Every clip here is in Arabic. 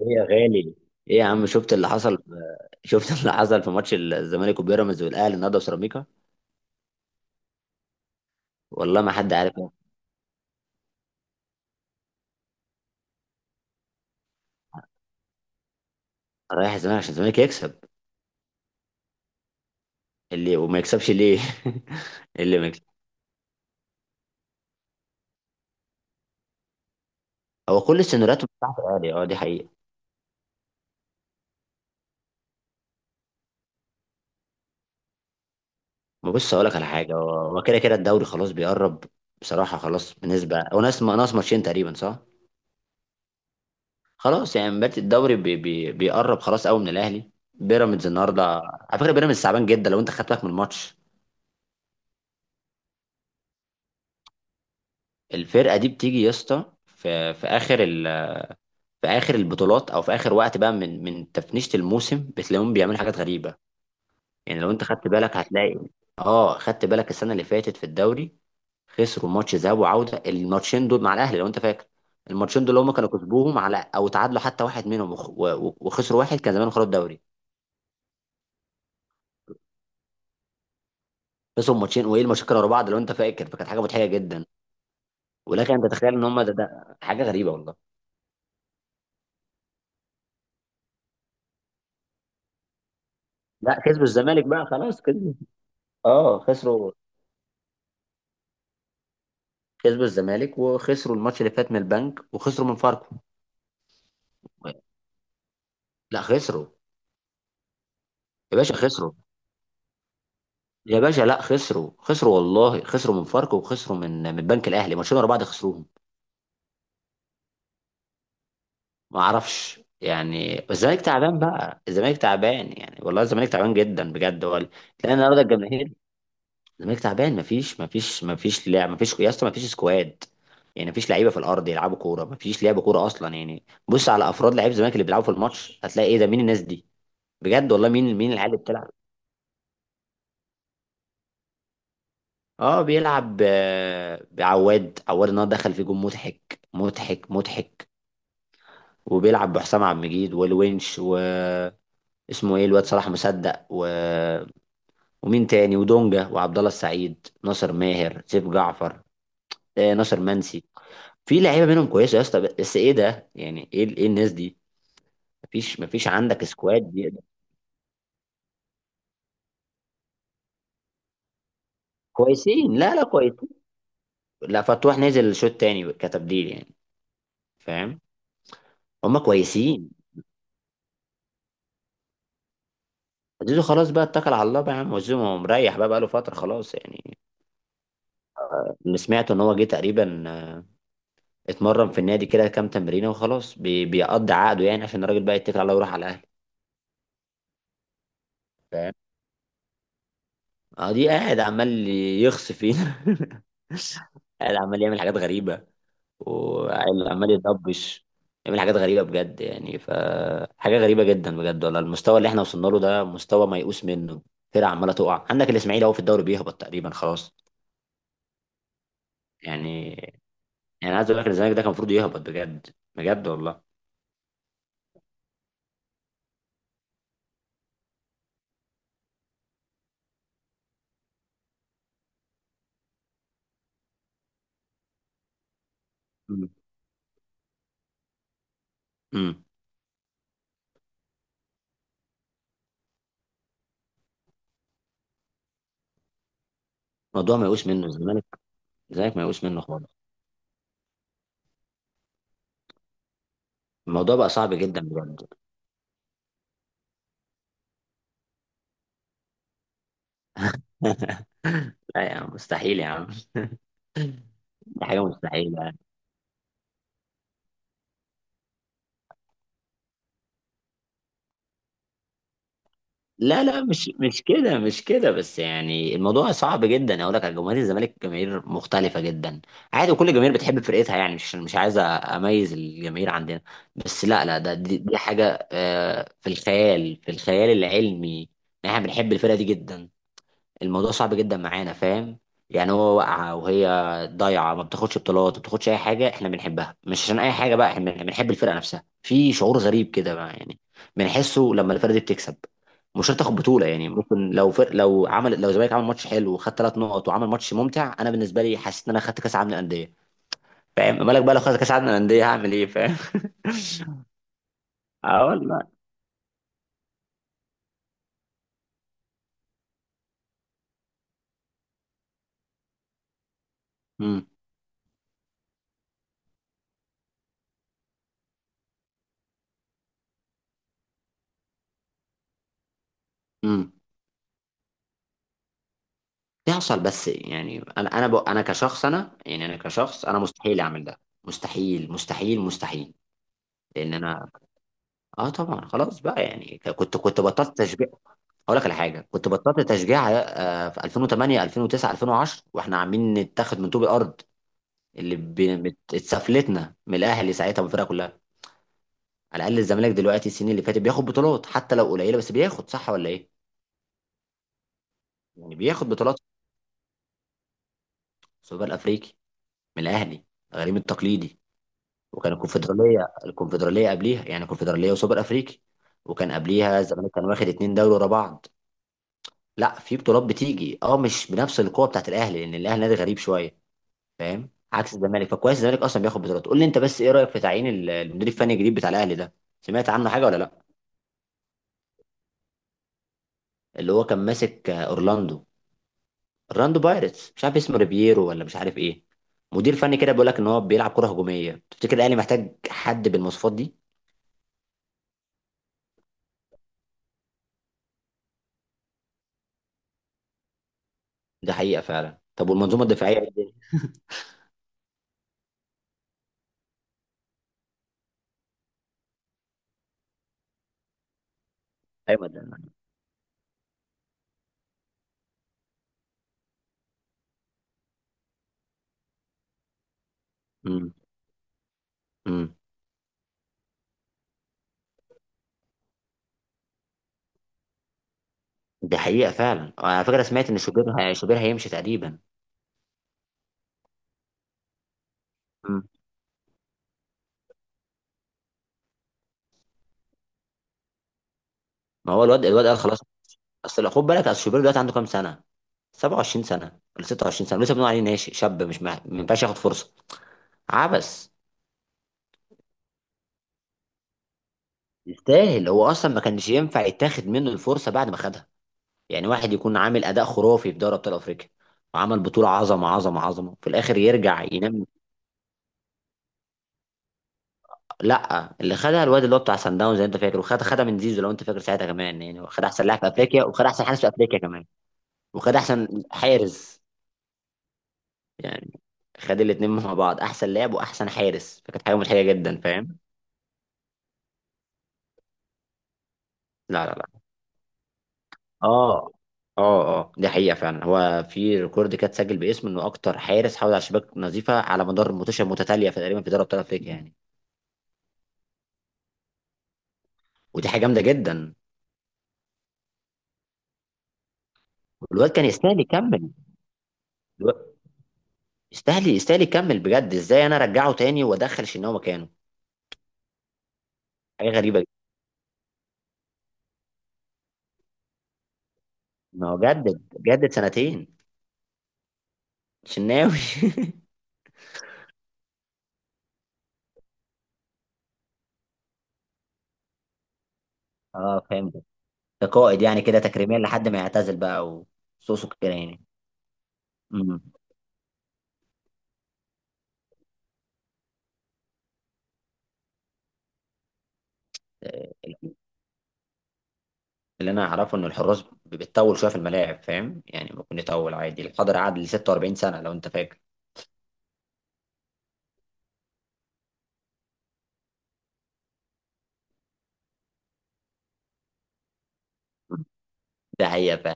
ايه يا غالي. ايه يا عم، شفت اللي حصل؟ شفت اللي حصل في ماتش الزمالك وبيراميدز والاهلي النهارده وسيراميكا. والله ما حد عارف. رايح الزمالك عشان الزمالك يكسب. اللي وما يكسبش ليه؟ اللي ما يكسب. هو كل السيناريوهات بتاعت الاهلي، اه، دي حقيقه. ما بص اقول لك على حاجه، هو كده كده الدوري خلاص بيقرب. بصراحه خلاص بنسبه، هو ناقص ناقص ماتشين تقريبا صح. خلاص يعني بات الدوري بي بي بيقرب خلاص قوي من الاهلي. بيراميدز النهارده. على فكره، بيراميدز تعبان جدا لو انت خدت بالك من الماتش. الفرقه دي بتيجي يا اسطى في في اخر البطولات، او في اخر وقت بقى من تفنيشه الموسم، بتلاقيهم بيعملوا حاجات غريبه. يعني لو انت خدت بالك هتلاقي. اه، خدت بالك السنه اللي فاتت في الدوري، خسروا ماتش ذهاب وعوده، الماتشين دول مع الاهلي لو انت فاكر. الماتشين دول هم كانوا كسبوهم على، او تعادلوا حتى واحد منهم، وخسروا واحد، كان زمان خرجوا الدوري. خسروا ماتشين وايه المشاكل ورا بعض لو انت فاكر، فكانت حاجه مضحكه جدا. ولكن انت تتخيل ان هم ده حاجه غريبه والله. لا كسبوا الزمالك بقى، خلاص كسبوا. اه خسروا. كسبوا الزمالك وخسروا الماتش اللي فات من البنك، وخسروا من فاركو. لا خسروا. يا باشا خسروا. يا باشا، لا، خسروا خسروا والله، خسروا من فاركو وخسروا من البنك الاهلي ماتشين ورا بعض خسروهم. ما اعرفش يعني، بس الزمالك تعبان بقى، الزمالك تعبان يعني، والله الزمالك تعبان جدا بجد والله. لان النهارده الجماهير. الزمالك تعبان، مفيش مفيش مفيش لعب، مفيش يا اسطى، مفيش سكواد. يعني مفيش لعيبه في الارض يلعبوا كوره، مفيش لعب كوره اصلا يعني. بص على افراد لعيب الزمالك اللي بيلعبوا في الماتش، هتلاقي ايه ده، مين الناس دي. بجد والله، مين مين العيال اللي بتلعب. اه بيلعب بعواد، عواد النهارده دخل في جون، مضحك مضحك مضحك. وبيلعب بحسام عبد المجيد والونش، واسمه ايه الواد صلاح مصدق ومين تاني، ودونجا وعبد الله السعيد، ناصر ماهر، سيف جعفر. آه ناصر منسي. في لعيبه منهم كويسه يا اسطى، بس ايه ده يعني، ايه الناس دي. مفيش عندك سكواد بيقدر. كويسين، لا لا، كويسين. لا، فتوح نزل شوط تاني كتبديل يعني. فاهم. هما كويسين. زيزو خلاص بقى، اتكل على الله بقى يا عم، وزيزو مريح بقى بقاله فترة خلاص يعني. اللي سمعته ان هو جه تقريبا، اتمرن في النادي كده كام تمرينة وخلاص بيقضي عقده يعني، عشان الراجل بقى يتكل على الله ويروح على الاهلي. فاهم. اه دي قاعد عمال يخص فينا قاعد عمال يعمل حاجات غريبة، وعمال يضبش، يعمل حاجات غريبة بجد يعني. فحاجة غريبة جدا بجد والله، المستوى اللي احنا وصلنا له ده مستوى ميؤوس منه. فرقة عمالة تقع، عندك الإسماعيلي اهو في الدوري بيهبط تقريبا خلاص. يعني، يعني عايز اقول لك إن الزمالك ده كان المفروض يهبط بجد، بجد والله. مم. مم. الموضوع ما يقوس منه الزمالك، الزمالك ما يقوس منه خالص، الموضوع بقى صعب جدا بجد. لا يا عم، مستحيل يا عم. دي حاجه مستحيله. لا لا، مش كده، مش كده، بس يعني الموضوع صعب جدا. اقول لك على جماهير الزمالك، جماهير مختلفه جدا. عادي وكل جماهير بتحب فرقتها يعني، مش عايز اميز الجماهير عندنا. بس، لا لا، دي حاجه في الخيال، في الخيال العلمي. إن احنا بنحب الفرقه دي جدا، الموضوع صعب جدا معانا فاهم. يعني هو واقعة وهي ضايعة، ما بتاخدش بطولات، ما بتاخدش أي حاجة، إحنا بنحبها مش عشان أي حاجة بقى. إحنا بنحب الفرقة نفسها، في شعور غريب كده بقى يعني بنحسه لما الفرقة دي بتكسب. مش شرط تاخد بطولة يعني، ممكن لو الزمالك عمل ماتش حلو وخد ثلاث نقط وعمل ماتش ممتع، أنا بالنسبة لي حسيت إن أنا خدت كأس العالم للأندية. فاهم مالك بقى، لو خدت كأس العالم للأندية هعمل إيه، فاهم. اه والله. امم. بيحصل، بس يعني، انا كشخص، انا يعني، انا كشخص، انا مستحيل اعمل ده، مستحيل مستحيل مستحيل. لان انا، اه طبعا خلاص بقى يعني كنت بطلت تشجيع. اقول لك على حاجه، كنت بطلت تشجيع في 2008 2009 2010، واحنا عاملين نتاخد من طوب الارض، اللي اتسفلتنا من الاهلي ساعتها والفرقه كلها. على الاقل الزمالك دلوقتي السنين اللي فاتت بياخد بطولات حتى لو قليله، بس بياخد صح ولا ايه؟ يعني بياخد بطولات في السوبر الافريقي من الاهلي، غريم التقليدي. وكان الكونفدراليه، الكونفدراليه قبليها يعني، كونفدراليه وسوبر افريقي. وكان قبليها الزمالك كان واخد اتنين دوري ورا بعض. لا في بطولات بتيجي، اه مش بنفس القوه بتاعت الاهلي، لان الاهلي نادي غريب شويه. فاهم؟ عكس الزمالك، فكويس الزمالك اصلا بياخد بطولات. قول لي انت بس، ايه رايك في تعيين المدير الفني الجديد بتاع الاهلي ده، سمعت عنه حاجه ولا لا؟ اللي هو كان ماسك اورلاندو، اورلاندو بايرتس، مش عارف اسمه ريبييرو ولا مش عارف ايه. مدير فني كده بيقول لك ان هو بيلعب كره هجوميه، تفتكر الاهلي محتاج حد بالمواصفات دي؟ ده حقيقه فعلا. طب والمنظومه الدفاعيه إيه؟ ايوه. امم. امم. دي حقيقة فعلا، على فكرة سمعت ان شوبير شوبير هيمشي تقريبا. امم. ما هو الواد قال خلاص. اصل خد بالك، اصل شوبير دلوقتي عنده كام سنة، 27 سنة ولا 26 سنة، لسه بنقول عليه ناشئ شاب مش مع... ما ينفعش ياخد فرصة. عبس. يستاهل، هو اصلا ما كانش ينفع يتاخد منه الفرصة بعد ما خدها. يعني واحد يكون عامل اداء خرافي في دوري ابطال افريقيا، وعمل بطولة عظمة عظمة عظمة، في الاخر يرجع ينام. لا، اللي خدها الواد اللي هو بتاع سان داونز زي انت فاكر، خدها من زيزو لو انت فاكر ساعتها كمان، يعني خد احسن لاعب في افريقيا وخد احسن حارس في افريقيا كمان. وخد احسن حارس يعني، خد الاثنين مع بعض، احسن لاعب واحسن حارس، فكانت حاجه مضحكه جدا فاهم. لا لا لا. اه. اه اه دي حقيقه فعلا، هو في ريكورد كده اتسجل باسمه، انه اكتر حارس حافظ على شباك نظيفه على مدار ماتشات متتاليه في تقريبا في دوري ابطال افريقيا يعني. ودي حاجه جامده جدا. والواد كان يستاهل يكمل، الواد- يستاهل يستاهل يكمل بجد. ازاي انا ارجعه تاني وادخل شناوي مكانه، حاجة غريبة جدا. ما هو جدد جدد سنتين شناوي. اه فهمت. ده قائد يعني كده تكريميا لحد ما يعتزل بقى، وصوصه كده يعني. امم. اللي انا اعرفه ان الحراس بتطول شويه في الملاعب، فاهم يعني ممكن يطول عادي، الحضري قعد ل 46 سنه لو انت فاكر. مم. ده حقيقه فعلا.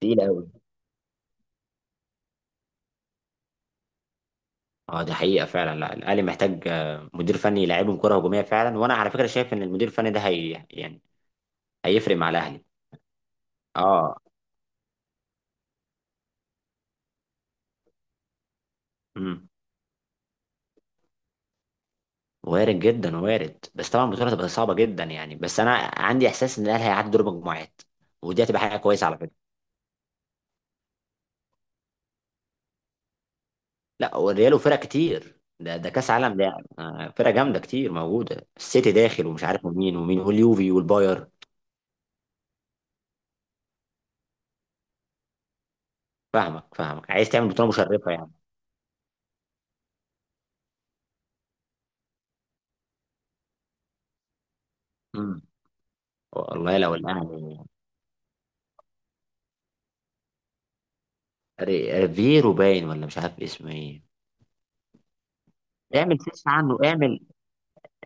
تقيل قوي. اه ده حقيقه فعلا. لا الاهلي محتاج مدير فني يلعبهم كره هجوميه فعلا، وانا على فكره شايف ان المدير الفني ده هي يعني هيفرق مع الاهلي. اه. مم. وارد جدا، وارد بس طبعا البطوله هتبقى صعبه جدا يعني، بس انا عندي احساس ان الاهلي هيعدي دور مجموعات، ودي هتبقى حاجه كويسه على فكره. لا والريال وفرق كتير، ده كاس عالم ده يعني. فرق جامده كتير موجوده، السيتي داخل ومش عارف مين ومين، واليوفي والباير. فاهمك فاهمك، عايز تعمل بطوله مشرفه يعني. امم. والله لو الاهلي. ريفيرو باين ولا مش عارف اسمه ايه. اعمل سيرش عنه، اعمل.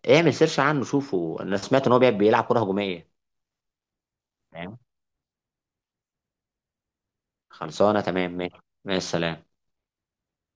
اعمل سيرش عنه شوفه، انا سمعت ان هو بيلعب كره هجوميه. تمام. خلصانه تمام ماشي. مع السلامه.